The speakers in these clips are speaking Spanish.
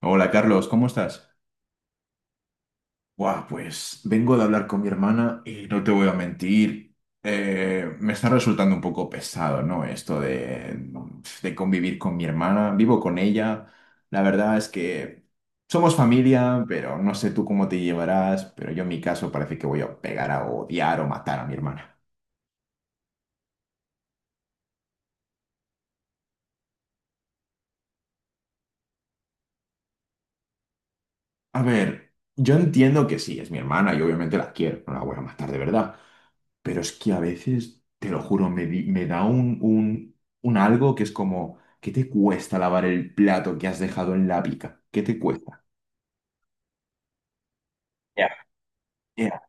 Hola Carlos, ¿cómo estás? Buah, pues vengo de hablar con mi hermana y no te voy a mentir, me está resultando un poco pesado, ¿no? Esto de convivir con mi hermana, vivo con ella, la verdad es que somos familia, pero no sé tú cómo te llevarás, pero yo en mi caso parece que voy a pegar a odiar o matar a mi hermana. A ver, yo entiendo que sí, es mi hermana y obviamente la quiero, no la voy a matar de verdad. Pero es que a veces, te lo juro, me da un algo que es como, ¿qué te cuesta lavar el plato que has dejado en la pica? ¿Qué te cuesta? Ya. Ya.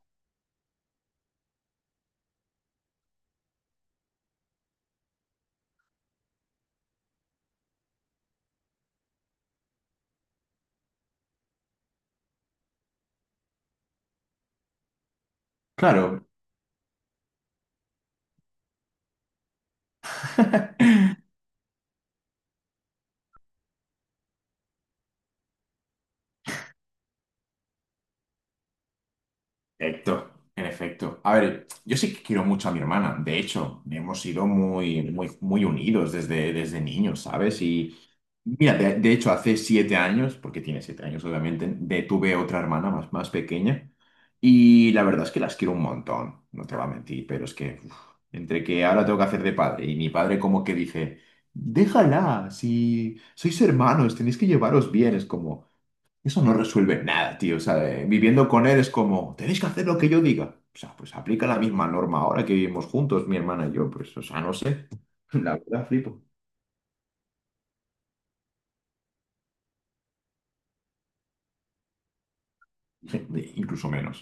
Claro. Perfecto, en efecto. A ver, yo sí que quiero mucho a mi hermana. De hecho, hemos sido muy, muy, muy unidos desde niños, ¿sabes? Y mira, de hecho, hace 7 años, porque tiene 7 años, obviamente, tuve otra hermana más pequeña. Y la verdad es que las quiero un montón, no te voy a mentir, pero es que uf, entre que ahora tengo que hacer de padre y mi padre como que dice, déjala, si sois hermanos, tenéis que llevaros bien, es como... Eso no resuelve nada, tío. O sea, viviendo con él es como, tenéis que hacer lo que yo diga. O sea, pues aplica la misma norma ahora que vivimos juntos, mi hermana y yo. Pues, o sea, no sé. La verdad, flipo. Incluso menos.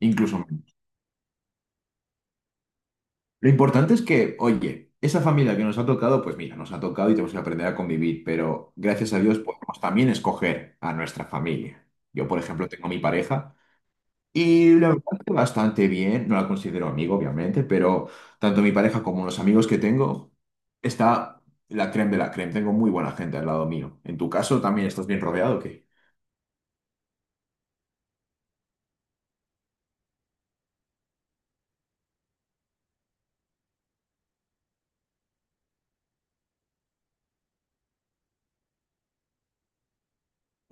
Incluso menos. Lo importante es que, oye, esa familia que nos ha tocado, pues mira, nos ha tocado y tenemos que aprender a convivir. Pero gracias a Dios podemos también escoger a nuestra familia. Yo, por ejemplo, tengo mi pareja. Y la verdad que bastante bien, no la considero amigo, obviamente, pero tanto mi pareja como los amigos que tengo, está la creme de la creme. Tengo muy buena gente al lado mío. En tu caso, ¿también estás bien rodeado o qué?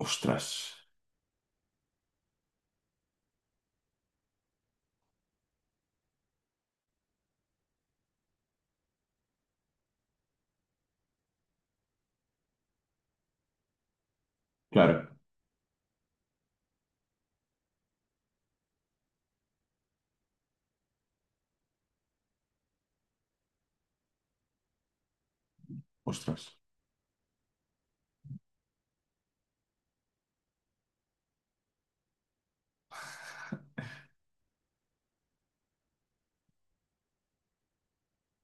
Ostras, claro, ostras,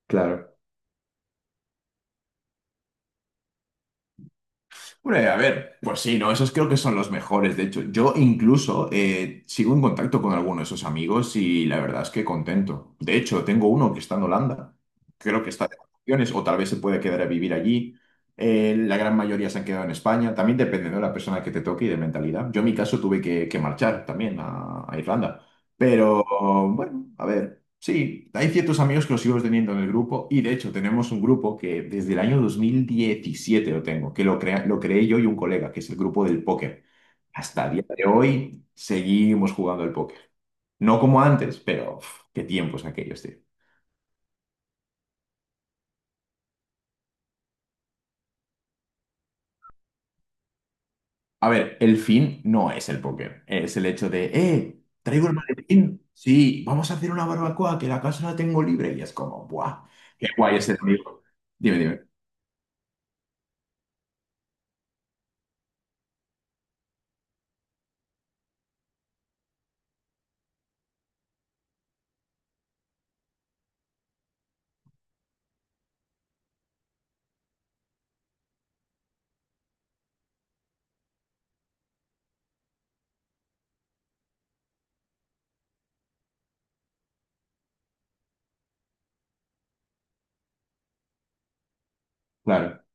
claro. Hombre, a ver, pues sí, ¿no? Esos creo que son los mejores. De hecho, yo incluso sigo en contacto con alguno de esos amigos y la verdad es que contento. De hecho, tengo uno que está en Holanda. Creo que está de vacaciones o tal vez se puede quedar a vivir allí. La gran mayoría se han quedado en España. También depende, ¿no? de la persona que te toque y de mentalidad. Yo en mi caso tuve que marchar también a Irlanda. Pero bueno, a ver. Sí, hay ciertos amigos que los sigo teniendo en el grupo y de hecho tenemos un grupo que desde el año 2017 lo tengo, que lo creé yo y un colega, que es el grupo del póker. Hasta el día de hoy seguimos jugando al póker. No como antes, pero uf, qué tiempos aquellos, tío. A ver, el fin no es el póker, es el hecho de, traigo el maletín, sí, vamos a hacer una barbacoa, que la casa la tengo libre y es como, ¡buah! ¡Qué guay es el amigo! Dime, dime, claro.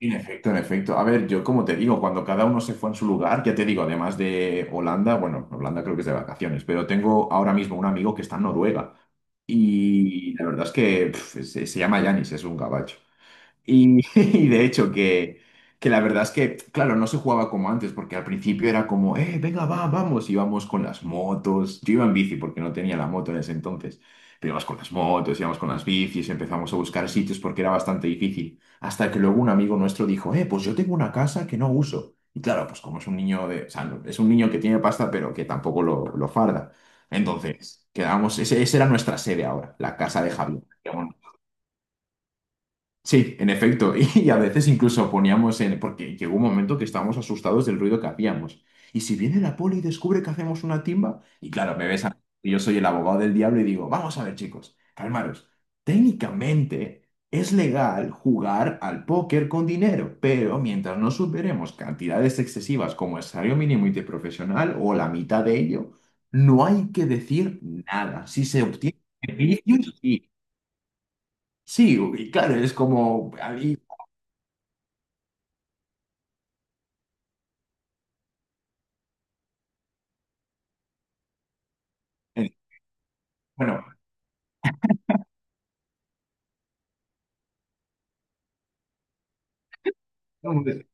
En efecto, en efecto. A ver, yo como te digo, cuando cada uno se fue en su lugar, ya te digo, además de Holanda, bueno, Holanda creo que es de vacaciones, pero tengo ahora mismo un amigo que está en Noruega y la verdad es que se llama Yanis, es un gabacho. Y, y de hecho que la verdad es que, claro, no se jugaba como antes, porque al principio era como, venga, va, vamos, íbamos con las motos. Yo iba en bici porque no tenía la moto en ese entonces, pero íbamos con las motos, íbamos con las bicis, empezamos a buscar sitios porque era bastante difícil. Hasta que luego un amigo nuestro dijo, pues yo tengo una casa que no uso. Y claro, pues como es un niño de, o sea, no- es un niño que tiene pasta, pero que tampoco lo, lo farda. Entonces, quedamos, esa era nuestra sede ahora, la casa de Javier. Sí, en efecto. Y a veces incluso poníamos en... Porque llegó un momento que estábamos asustados del ruido que hacíamos. Y si viene la poli y descubre que hacemos una timba... Y claro, me ves a... y Yo soy el abogado del diablo y digo, vamos a ver, chicos, calmaros. Técnicamente es legal jugar al póker con dinero, pero mientras no superemos cantidades excesivas como el salario mínimo interprofesional o la mitad de ello, no hay que decir nada. Si se obtiene beneficios, sí. Sí, y claro, es como, Eh, Bueno, éramos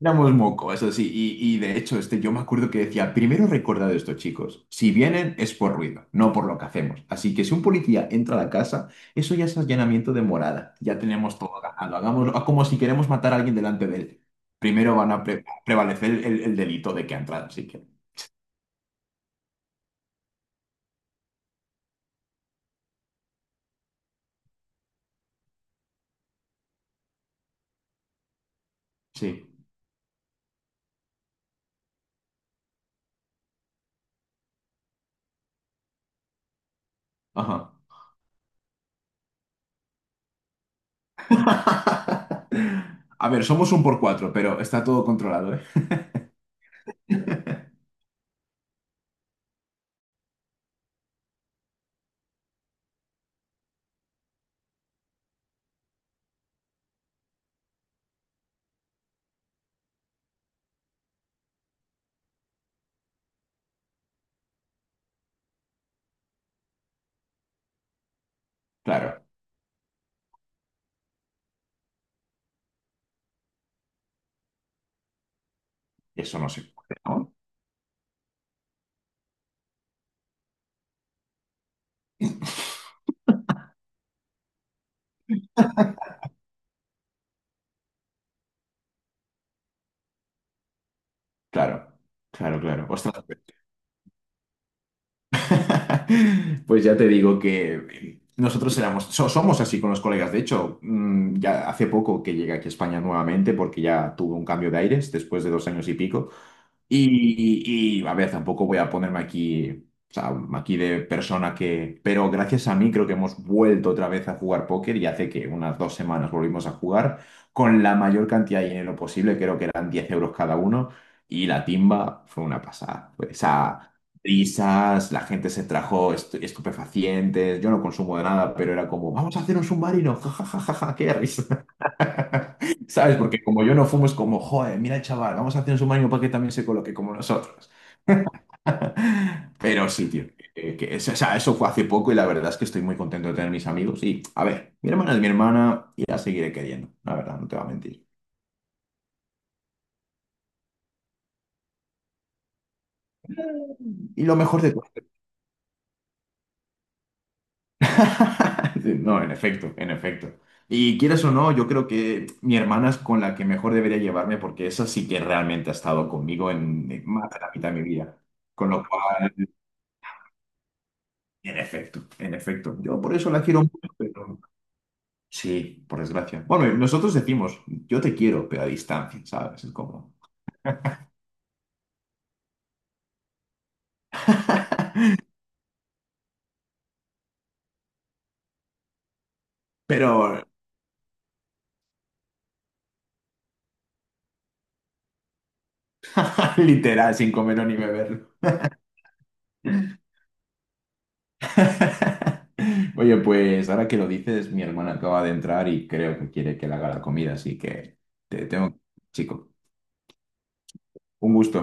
éramos moco, eso sí, y de hecho, este, yo me acuerdo que decía, primero recordad esto, chicos, si vienen es por ruido, no por lo que hacemos. Así que si un policía entra a la casa, eso ya es allanamiento de morada, ya tenemos todo ganado, hagámoslo como si queremos matar a alguien delante de él. Primero van a prevalecer el delito de que ha entrado, así que sí, ajá. A ver, somos un por cuatro, pero está todo controlado, ¿eh? Claro, eso no se puede, ¿no? Claro, claro, claro. Ostras, Pues ya te digo que nosotros éramos, somos así con los colegas. De hecho, ya hace poco que llegué aquí a España nuevamente porque ya tuve un cambio de aires después de 2 años y pico. A ver, tampoco voy a ponerme aquí, o sea, aquí de persona que... Pero gracias a mí creo que hemos vuelto otra vez a jugar póker y hace que unas 2 semanas volvimos a jugar con la mayor cantidad de dinero posible, creo que eran 10 euros cada uno. Y la timba fue una pasada. Pues, o sea, risas la gente se trajo estupefacientes, yo no consumo de nada, pero era como, vamos a hacer un submarino, jajajaja, qué risa. ¿Sabes? Porque como yo no fumo, es como, joder, mira el chaval, vamos a hacer un submarino para que también se coloque como nosotros. Pero sí, tío, que eso, o sea, eso fue hace poco y la verdad es que estoy muy contento de tener mis amigos. Y, a ver, mi hermana es mi hermana y la seguiré queriendo, la verdad, no te voy a mentir. Y lo mejor de Sí, No, en efecto, en efecto. Y quieras o no, yo creo que mi hermana es con la que mejor debería llevarme porque esa sí que realmente ha estado conmigo en más de la mitad de mi vida. Con lo cual, en efecto, en efecto. Yo por eso la quiero mucho, pero sí, por desgracia. Bueno, y nosotros decimos, yo te quiero, pero a distancia, ¿sabes? Es como... Pero literal, sin comer ni beber. Oye, pues ahora que lo dices, mi hermana acaba de entrar y creo que quiere que le haga la comida, así que te tengo, chico, un gusto.